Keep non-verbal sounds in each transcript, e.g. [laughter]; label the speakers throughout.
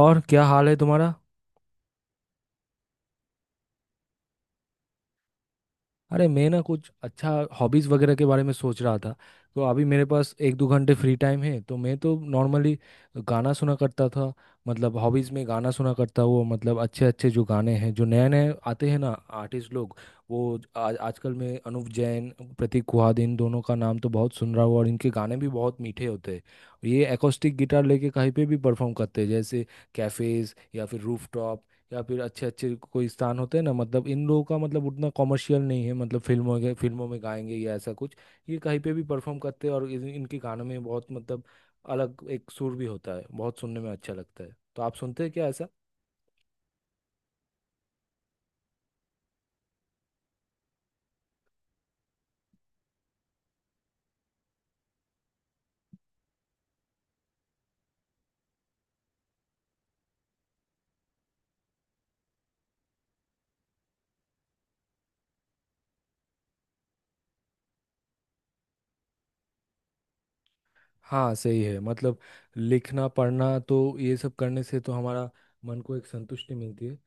Speaker 1: और क्या हाल है तुम्हारा? अरे, मैं ना कुछ अच्छा हॉबीज वगैरह के बारे में सोच रहा था। तो अभी मेरे पास एक दो घंटे फ्री टाइम है तो मैं तो नॉर्मली गाना सुना करता था। मतलब हॉबीज में गाना सुना करता हूँ, मतलब अच्छे अच्छे जो गाने हैं जो नए नए आते हैं ना आर्टिस्ट लोग। वो आज आजकल मैं अनुव जैन, प्रतीक कुहाद, इन दोनों का नाम तो बहुत सुन रहा हूँ और इनके गाने भी बहुत मीठे होते हैं। ये एकोस्टिक गिटार लेके कहीं पे भी परफॉर्म करते हैं, जैसे कैफेज या फिर रूफ या फिर अच्छे अच्छे कोई स्थान होते हैं ना। मतलब इन लोगों का मतलब उतना कॉमर्शियल नहीं है, मतलब फिल्मों में गाएंगे या ऐसा कुछ। ये कहीं पे भी परफॉर्म करते हैं और इनके गानों में बहुत मतलब अलग एक सुर भी होता है, बहुत सुनने में अच्छा लगता है। तो आप सुनते हैं क्या ऐसा? हाँ, सही है। मतलब लिखना पढ़ना तो ये सब करने से तो हमारा मन को एक संतुष्टि मिलती है।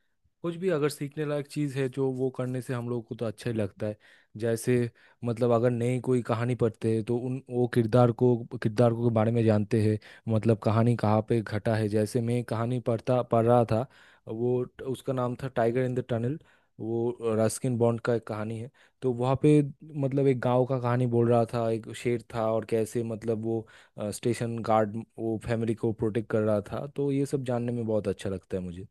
Speaker 1: कुछ भी अगर सीखने लायक चीज़ है जो वो करने से हम लोगों को तो अच्छा ही लगता है। जैसे मतलब अगर नई कोई कहानी पढ़ते हैं तो उन वो किरदार को के बारे में जानते हैं। मतलब कहानी कहाँ पे घटा है, जैसे मैं कहानी पढ़ रहा था, वो उसका नाम था टाइगर इन द टनल, वो रस्किन बॉन्ड का एक कहानी है। तो वहाँ पे मतलब एक गांव का कहानी बोल रहा था, एक शेर था, और कैसे मतलब वो स्टेशन गार्ड वो फैमिली को प्रोटेक्ट कर रहा था। तो ये सब जानने में बहुत अच्छा लगता है मुझे।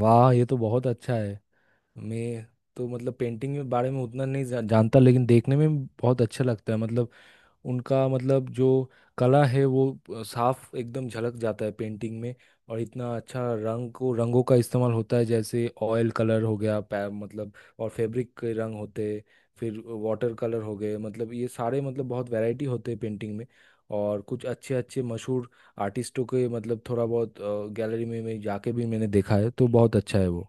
Speaker 1: वाह, ये तो बहुत अच्छा है। मैं तो मतलब पेंटिंग के बारे में उतना नहीं जानता, लेकिन देखने में बहुत अच्छा लगता है। मतलब उनका मतलब जो कला है वो साफ एकदम झलक जाता है पेंटिंग में। और इतना अच्छा रंगों का इस्तेमाल होता है, जैसे ऑयल कलर हो गया मतलब और फैब्रिक के रंग होते, फिर वाटर कलर हो गए, मतलब ये सारे मतलब बहुत वैरायटी होते हैं पेंटिंग में। और कुछ अच्छे अच्छे मशहूर आर्टिस्टों के मतलब थोड़ा बहुत गैलरी में मैं जाके भी मैंने देखा है, तो बहुत अच्छा है वो।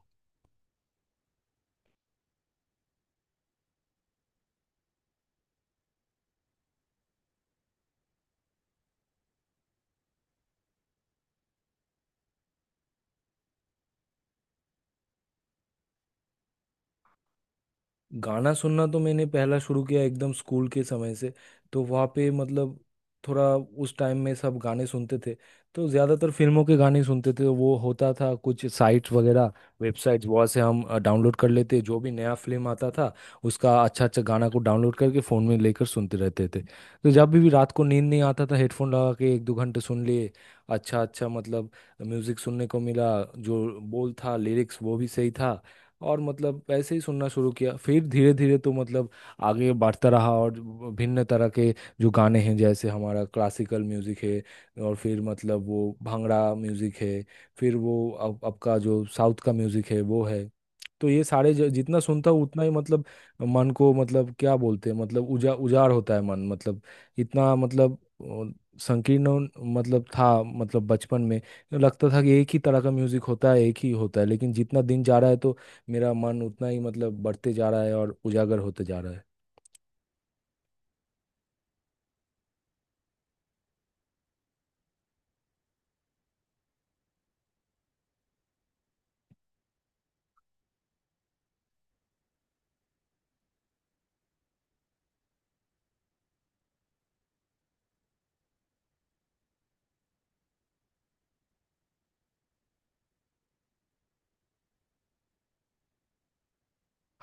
Speaker 1: गाना सुनना तो मैंने पहला शुरू किया एकदम स्कूल के समय से। तो वहाँ पे मतलब थोड़ा उस टाइम में सब गाने सुनते थे, तो ज़्यादातर फिल्मों के गाने सुनते थे। वो होता था कुछ साइट्स वगैरह, वेबसाइट्स, वहाँ से हम डाउनलोड कर लेते जो भी नया फिल्म आता था, उसका अच्छा अच्छा गाना को डाउनलोड करके फ़ोन में लेकर सुनते रहते थे। तो जब भी रात को नींद नहीं आता था हेडफोन लगा के एक दो घंटे सुन लिए अच्छा अच्छा, मतलब म्यूज़िक सुनने को मिला, जो बोल था, लिरिक्स, वो भी सही था। और मतलब ऐसे ही सुनना शुरू किया, फिर धीरे धीरे तो मतलब आगे बढ़ता रहा। और भिन्न तरह के जो गाने हैं जैसे हमारा क्लासिकल म्यूजिक है, और फिर मतलब वो भांगड़ा म्यूजिक है, फिर वो अब आपका जो साउथ का म्यूजिक है वो है। तो ये सारे जितना सुनता हूँ उतना ही मतलब मन को मतलब क्या बोलते हैं, मतलब उजाड़ होता है मन, मतलब इतना मतलब संकीर्ण मतलब था, मतलब बचपन में लगता था कि एक ही तरह का म्यूजिक होता है, एक ही होता है। लेकिन जितना दिन जा रहा है तो मेरा मन उतना ही मतलब बढ़ते जा रहा है और उजागर होते जा रहा है।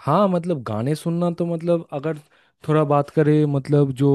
Speaker 1: हाँ, मतलब गाने सुनना तो मतलब अगर थोड़ा बात करें, मतलब जो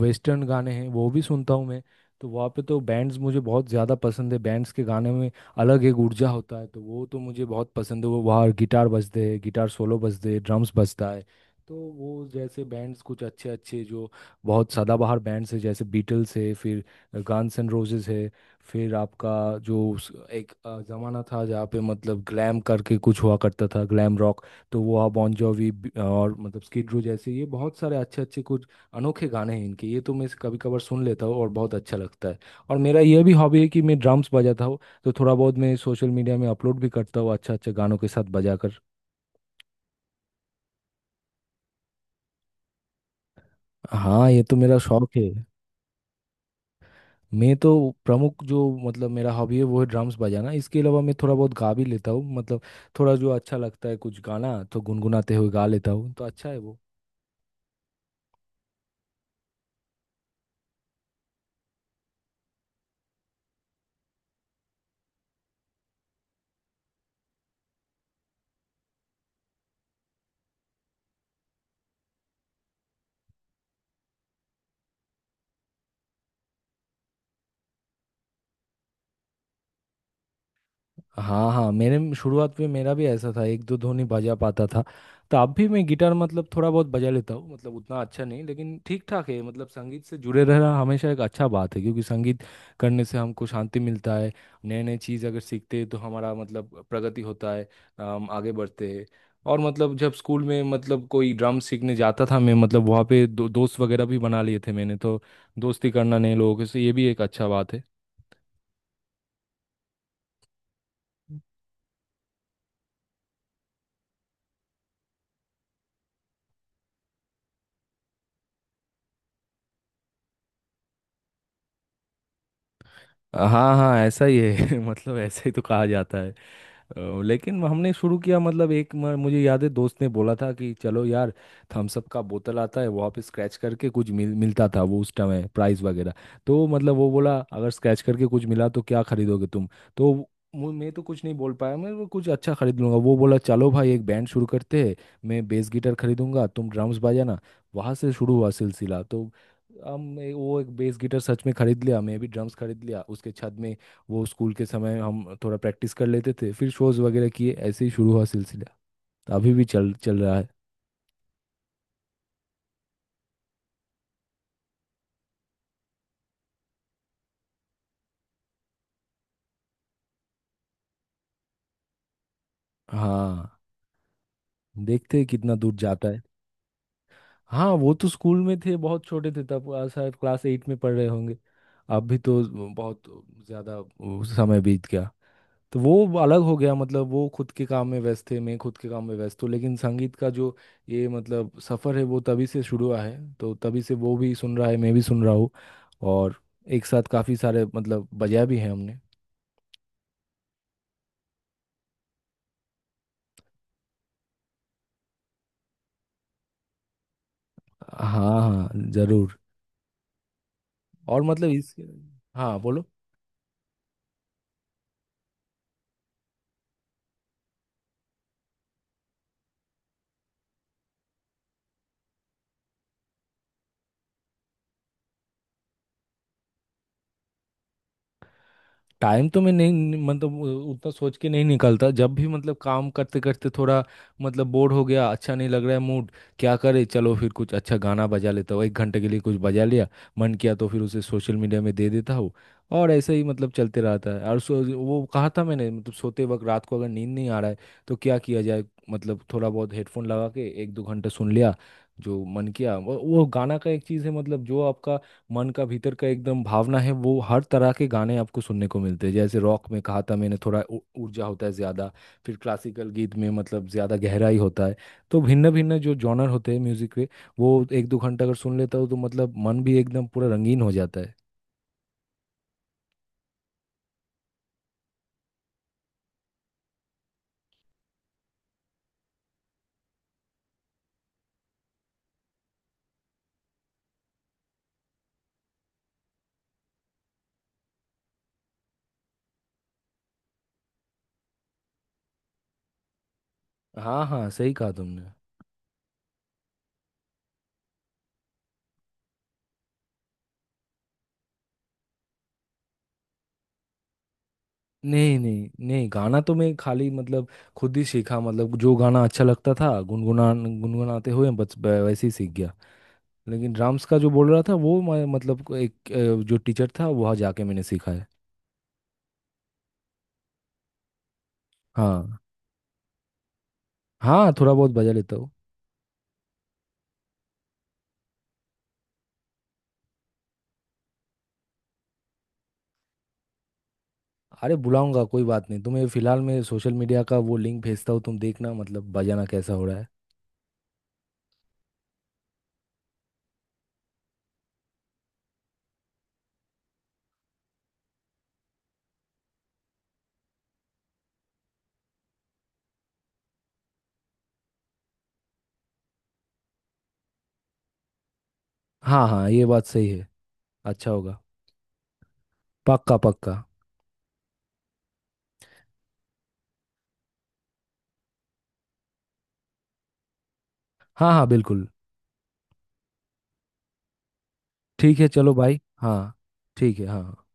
Speaker 1: वेस्टर्न गाने हैं वो भी सुनता हूँ मैं। तो वहाँ पे तो बैंड्स मुझे बहुत ज़्यादा पसंद है, बैंड्स के गाने में अलग एक ऊर्जा होता है, तो वो तो मुझे बहुत पसंद है। वो वहाँ गिटार बजते हैं, गिटार सोलो बजते हैं, ड्रम्स बजता है। तो वो जैसे बैंड्स कुछ अच्छे अच्छे जो बहुत सदाबहार बैंड्स है, जैसे बीटल्स है, फिर गान्स एंड रोजेस है, फिर आपका जो एक जमाना था जहाँ पे मतलब ग्लैम करके कुछ हुआ करता था, ग्लैम रॉक। तो वो आप बॉन जोवी और मतलब स्किड रो, जैसे ये बहुत सारे अच्छे अच्छे कुछ अनोखे गाने हैं इनके, ये तो मैं कभी कभार सुन लेता हूँ और बहुत अच्छा लगता है। और मेरा यह भी हॉबी है कि मैं ड्रम्स बजाता हूँ, तो थोड़ा बहुत मैं सोशल मीडिया में अपलोड भी करता हूँ अच्छा अच्छा गानों के साथ बजाकर। हाँ, ये तो मेरा शौक है। मैं तो प्रमुख जो मतलब मेरा हॉबी है वो है ड्रम्स बजाना। इसके अलावा मैं थोड़ा बहुत गा भी लेता हूँ, मतलब थोड़ा जो अच्छा लगता है कुछ गाना तो गुनगुनाते हुए गा लेता हूँ, तो अच्छा है वो। हाँ हाँ, मेरे शुरुआत में मेरा भी ऐसा था, एक दो धुन ही बजा पाता था। तो अब भी मैं गिटार मतलब थोड़ा बहुत बजा लेता हूँ, मतलब उतना अच्छा नहीं लेकिन ठीक ठाक है। मतलब संगीत से जुड़े रहना हमेशा एक अच्छा बात है, क्योंकि संगीत करने से हमको शांति मिलता है। नए नए चीज़ अगर सीखते हैं तो हमारा मतलब प्रगति होता है, हम आगे बढ़ते हैं। और मतलब जब स्कूल में मतलब कोई ड्रम सीखने जाता था मैं, मतलब वहाँ पे दोस्त वगैरह भी बना लिए थे मैंने, तो दोस्ती करना नए लोगों से ये भी एक अच्छा बात है। हाँ हाँ, ऐसा ही है। [laughs] मतलब ऐसा ही तो कहा जाता है लेकिन हमने शुरू किया, मतलब एक मुझे याद है दोस्त ने बोला था कि चलो यार, थम्स अप का बोतल आता है, वहाँ पे स्क्रैच करके कुछ मिलता था वो उस टाइम, प्राइस वगैरह। तो मतलब वो बोला, अगर स्क्रैच करके कुछ मिला तो क्या खरीदोगे तुम? तो मैं तो कुछ नहीं बोल पाया, मैं वो कुछ अच्छा खरीद लूंगा। वो बोला, चलो भाई एक बैंड शुरू करते हैं, मैं बेस गिटार खरीदूंगा, तुम ड्रम्स बजाना। वहाँ से शुरू हुआ सिलसिला। तो हम वो एक बेस गिटार सच में खरीद लिया, मैं भी ड्रम्स खरीद लिया उसके छत में। वो स्कूल के समय हम थोड़ा प्रैक्टिस कर लेते थे, फिर शोज वगैरह किए, ऐसे ही शुरू हुआ सिलसिला। तो अभी भी चल चल रहा है। हाँ, देखते हैं कितना दूर जाता है। हाँ, वो तो स्कूल में थे, बहुत छोटे थे तब, शायद क्लास 8 में पढ़ रहे होंगे। अब भी तो बहुत ज़्यादा वो समय बीत गया, तो वो अलग हो गया, मतलब वो खुद के काम में व्यस्त थे, मैं खुद के काम में व्यस्त हूँ। लेकिन संगीत का जो ये मतलब सफ़र है वो तभी से शुरू हुआ है, तो तभी से वो भी सुन रहा है, मैं भी सुन रहा हूँ, और एक साथ काफ़ी सारे मतलब बजाया भी है हमने। हाँ हाँ, ज़रूर। और मतलब इस, हाँ, बोलो। टाइम तो मैं नहीं मतलब उतना सोच के नहीं निकलता, जब भी मतलब काम करते करते थोड़ा मतलब बोर हो गया, अच्छा नहीं लग रहा है मूड, क्या करे, चलो फिर कुछ अच्छा गाना बजा लेता हूँ, एक घंटे के लिए कुछ बजा लिया, मन किया तो फिर उसे सोशल मीडिया में दे देता हूँ। और ऐसे ही मतलब चलते रहता है। और सो वो कहा था मैंने, मतलब सोते वक्त रात को अगर नींद नहीं आ रहा है तो क्या किया जाए, मतलब थोड़ा बहुत हेडफोन लगा के एक दो घंटा सुन लिया जो मन किया। वो गाना का एक चीज़ है, मतलब जो आपका मन का भीतर का एकदम भावना है वो हर तरह के गाने आपको सुनने को मिलते हैं। जैसे रॉक में कहा था मैंने, थोड़ा ऊर्जा होता है ज़्यादा, फिर क्लासिकल गीत में मतलब ज़्यादा गहराई होता है। तो भिन्न भिन्न जो जॉनर होते हैं म्यूज़िक के, वो एक दो घंटा अगर सुन लेता हूँ तो मतलब मन भी एकदम पूरा रंगीन हो जाता है। हाँ हाँ, सही कहा तुमने। नहीं नहीं नहीं, गाना तो मैं खाली मतलब खुद ही सीखा, मतलब जो गाना अच्छा लगता था गुनगुनाते हुए बस वैसे ही सीख गया। लेकिन ड्राम्स का जो बोल रहा था वो मैं मतलब को एक जो टीचर था वहाँ जाके मैंने सीखा है। हाँ हाँ, थोड़ा बहुत बजा लेता हूँ। अरे, बुलाऊंगा कोई बात नहीं तुम्हें। फिलहाल मैं सोशल मीडिया का वो लिंक भेजता हूँ, तुम देखना मतलब बजाना कैसा हो रहा है। हाँ हाँ, ये बात सही है, अच्छा होगा। पक्का पक्का। हाँ हाँ बिल्कुल, ठीक है चलो भाई, हाँ। ठीक है, हाँ।